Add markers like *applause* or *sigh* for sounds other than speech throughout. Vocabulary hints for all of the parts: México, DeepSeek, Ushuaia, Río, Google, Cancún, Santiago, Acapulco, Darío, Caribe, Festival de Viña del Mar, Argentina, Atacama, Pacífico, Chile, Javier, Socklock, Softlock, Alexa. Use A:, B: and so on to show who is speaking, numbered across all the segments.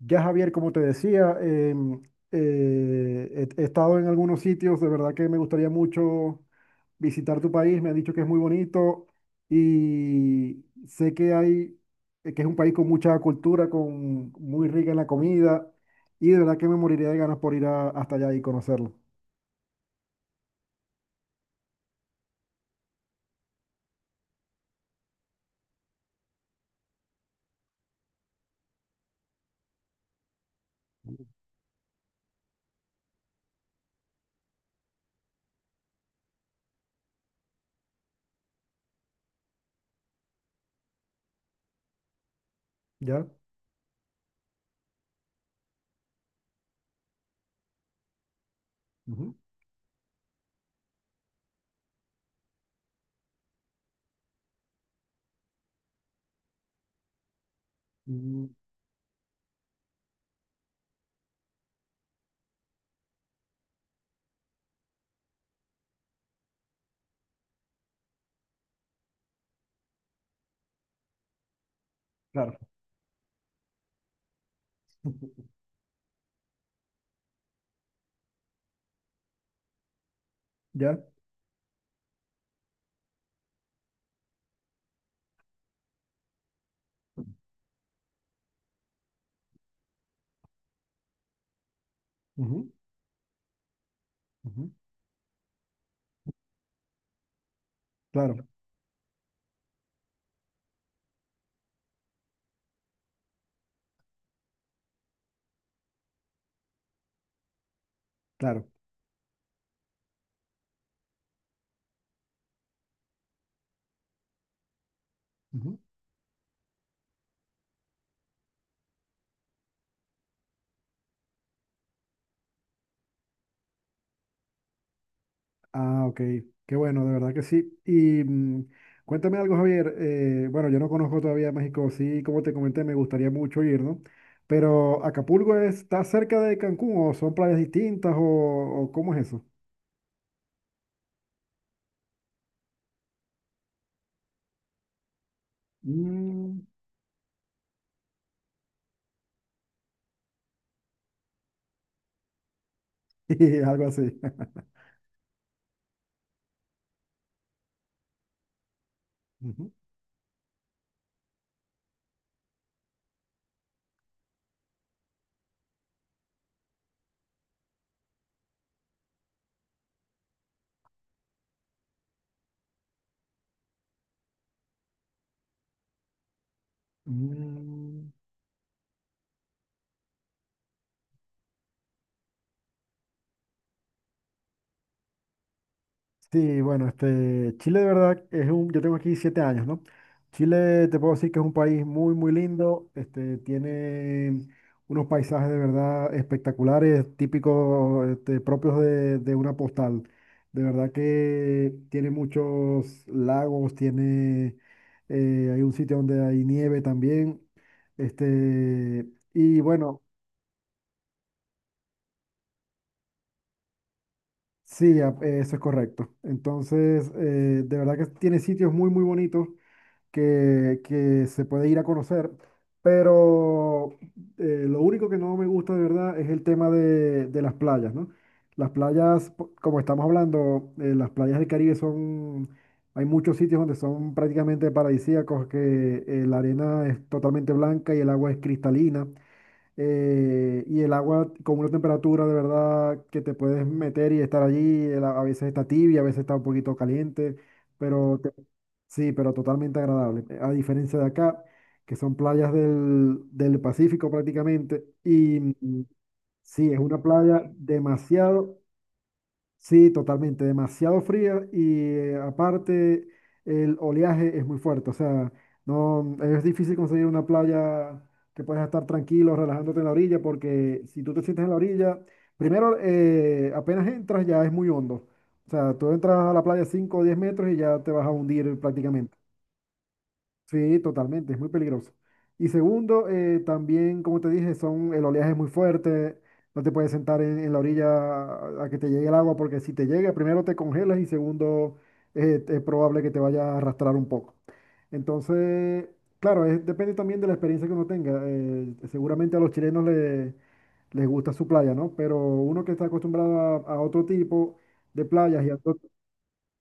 A: Ya Javier, como te decía, he estado en algunos sitios, de verdad que me gustaría mucho visitar tu país, me han dicho que es muy bonito y sé que hay, que es un país con mucha cultura, con muy rica en la comida y de verdad que me moriría de ganas por hasta allá y conocerlo. ¿Ya? Ujú, ujú, claro, ¿ya? Ujú, ujú, claro, claro. Ujú. Ah, ok. Qué bueno, de verdad que sí. Cuéntame algo, Javier. Bueno, yo no conozco todavía México. Sí, como te comenté, me gustaría mucho ir, ¿no? Pero, ¿Acapulco está cerca de Cancún o son playas distintas o cómo es eso? Mm, *laughs* y algo así. *laughs* Ujú. Mm. Sí, bueno, este, Chile de verdad es un, yo tengo aquí 7 años, ¿no? Chile te puedo decir que es un país muy lindo, este, tiene unos paisajes de verdad espectaculares, típicos, este, propios de una postal. De verdad que tiene muchos lagos, tiene, hay un sitio donde hay nieve también, este, y bueno, eso es correcto. Entonces, de verdad que tiene sitios muy bonitos que se puede ir a conocer, pero lo único que no me gusta de verdad es el tema de las playas, ¿no? Las playas, como estamos hablando, las playas del Caribe son, hay muchos sitios donde son prácticamente paradisíacos, que la arena es totalmente blanca y el agua es cristalina, y el agua con una temperatura de verdad que te puedes meter y estar allí, el a veces está tibia, a veces está un poquito caliente, pero sí, pero totalmente agradable. A diferencia de acá, que son playas del Pacífico prácticamente, sí, es una playa demasiado, sí, totalmente, demasiado fría y, aparte, el oleaje es muy fuerte, o sea, no es difícil conseguir una playa que puedas estar tranquilo, relajándote en la orilla, porque si tú te sientes en la orilla, primero, apenas entras ya es muy hondo, o sea, tú entras a la playa 5 o 10 metros y ya te vas a hundir prácticamente. Sí, totalmente, es muy peligroso. Y segundo, también, como te dije, son, el oleaje es muy fuerte, no te puedes sentar en la orilla a que te llegue el agua, porque si te llega, primero te congelas y segundo, es probable que te vaya a arrastrar un poco. Entonces, claro, depende también de la experiencia que uno tenga. Seguramente a los chilenos les gusta su playa, ¿no? Pero uno que está acostumbrado a otro tipo de playas y a otro,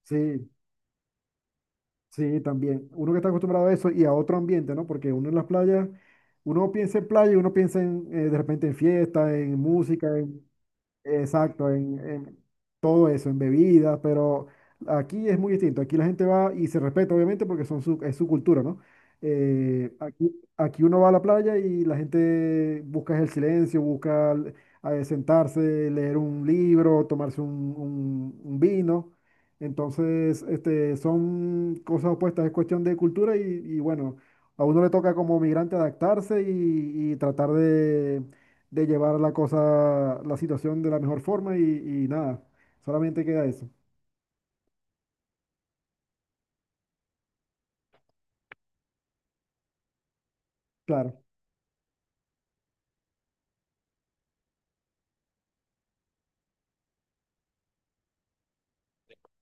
A: sí. Sí, también. Uno que está acostumbrado a eso y a otro ambiente, ¿no? Porque uno en las playas, uno piensa en playa y uno piensa en, de repente en fiesta, en música, en, exacto, en todo eso, en bebidas, pero aquí es muy distinto. Aquí la gente va y se respeta, obviamente, porque son su, es su cultura, ¿no? Aquí, aquí uno va a la playa y la gente busca el silencio, busca sentarse, leer un libro, tomarse un vino. Entonces, este, son cosas opuestas, es cuestión de cultura y bueno, a uno le toca como migrante adaptarse y tratar de llevar la cosa, la situación de la mejor forma y nada, solamente queda eso, claro.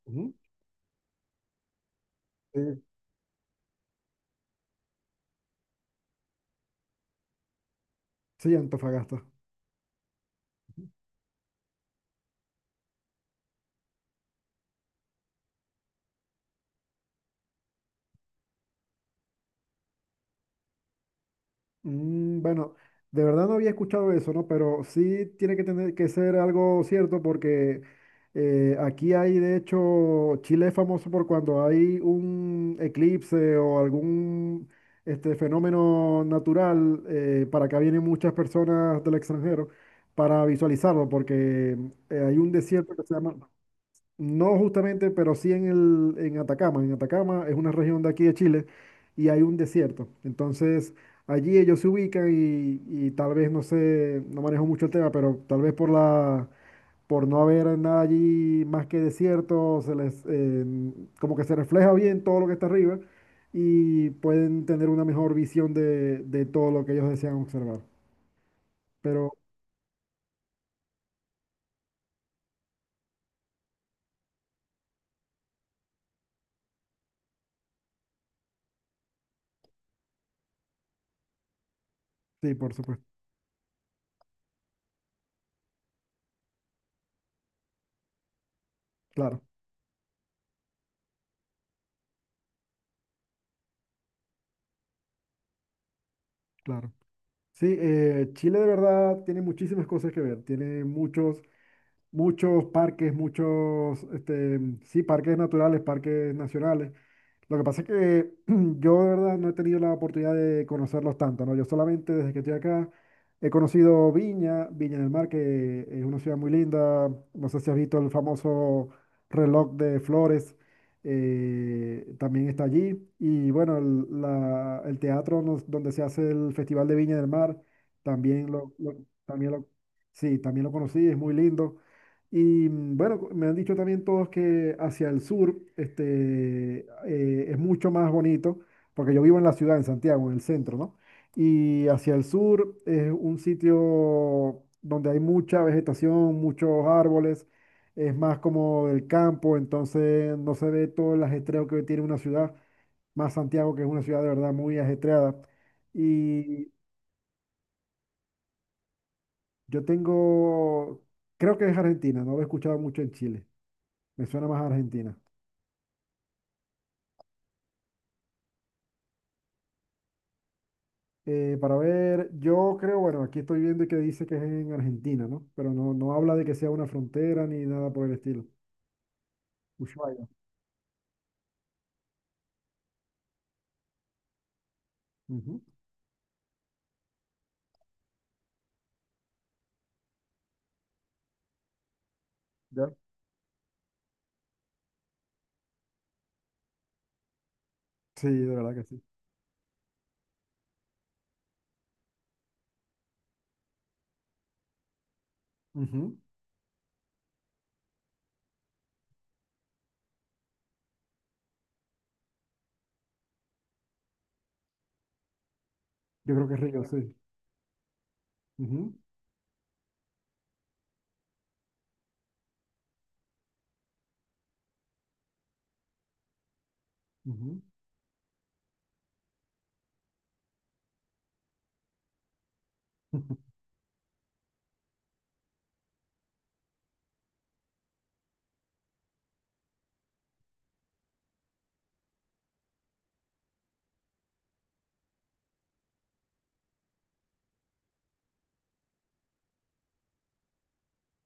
A: Ujú. Eh, Sí, Antofagasta. Mm, bueno, de verdad no había escuchado eso, ¿no? Pero sí tiene que tener que ser algo cierto porque aquí hay, de hecho, Chile es famoso por cuando hay un eclipse o algún este, fenómeno natural, para acá vienen muchas personas del extranjero para visualizarlo porque hay un desierto que se llama... No justamente, pero sí en en Atacama. En Atacama es una región de aquí de Chile y hay un desierto. Entonces, allí ellos se ubican y tal vez, no sé, no manejo mucho el tema, pero tal vez por por no haber nada allí más que desierto, se les, como que se refleja bien todo lo que está arriba y pueden tener una mejor visión de todo lo que ellos desean observar. Pero sí, por supuesto, claro, claro. Sí, Chile de verdad tiene muchísimas cosas que ver, tiene muchos, muchos parques, muchos, este, sí, parques naturales, parques nacionales. Lo que pasa es que *clears throat* yo de verdad no he tenido la oportunidad de conocerlos tanto, ¿no? Yo solamente desde que estoy acá he conocido Viña del Mar, que es una ciudad muy linda. No sé si has visto el famoso reloj de flores, también está allí. Y bueno, el donde se hace el Festival de Viña del Mar, también lo- también lo, sí, también lo conocí, es muy lindo. Bueno, me han dicho también todos que hacia el sur este, es mucho más bonito, porque yo vivo en la ciudad, en Santiago, en el centro, ¿no? Y hacia el sur es un sitio donde hay mucha vegetación, muchos árboles, es más como el campo, entonces no se ve todo el ajetreo que tiene una ciudad, más Santiago, que es una ciudad de verdad muy ajetreada. Y yo tengo, creo que es Argentina, no lo he escuchado mucho en Chile, me suena más a Argentina. Para ver, yo creo, bueno, aquí estoy viendo que dice que es en Argentina, ¿no? Pero no, no habla de que sea una frontera ni nada por el estilo. Ushuaia. Ujú, ¿ya? Sí, de verdad que sí. Ujú, yo creo que es Río, sí. Ujú, ujú. *laughs*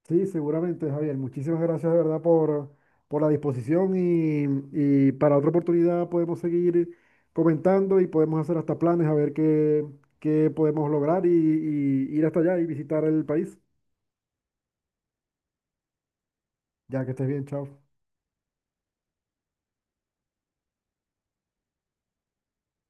A: Sí, seguramente, Javier. Muchísimas gracias de verdad por la disposición y para otra oportunidad podemos seguir comentando y podemos hacer hasta planes a ver qué, qué podemos lograr y ir hasta allá y visitar el país. Ya que estés bien, chao.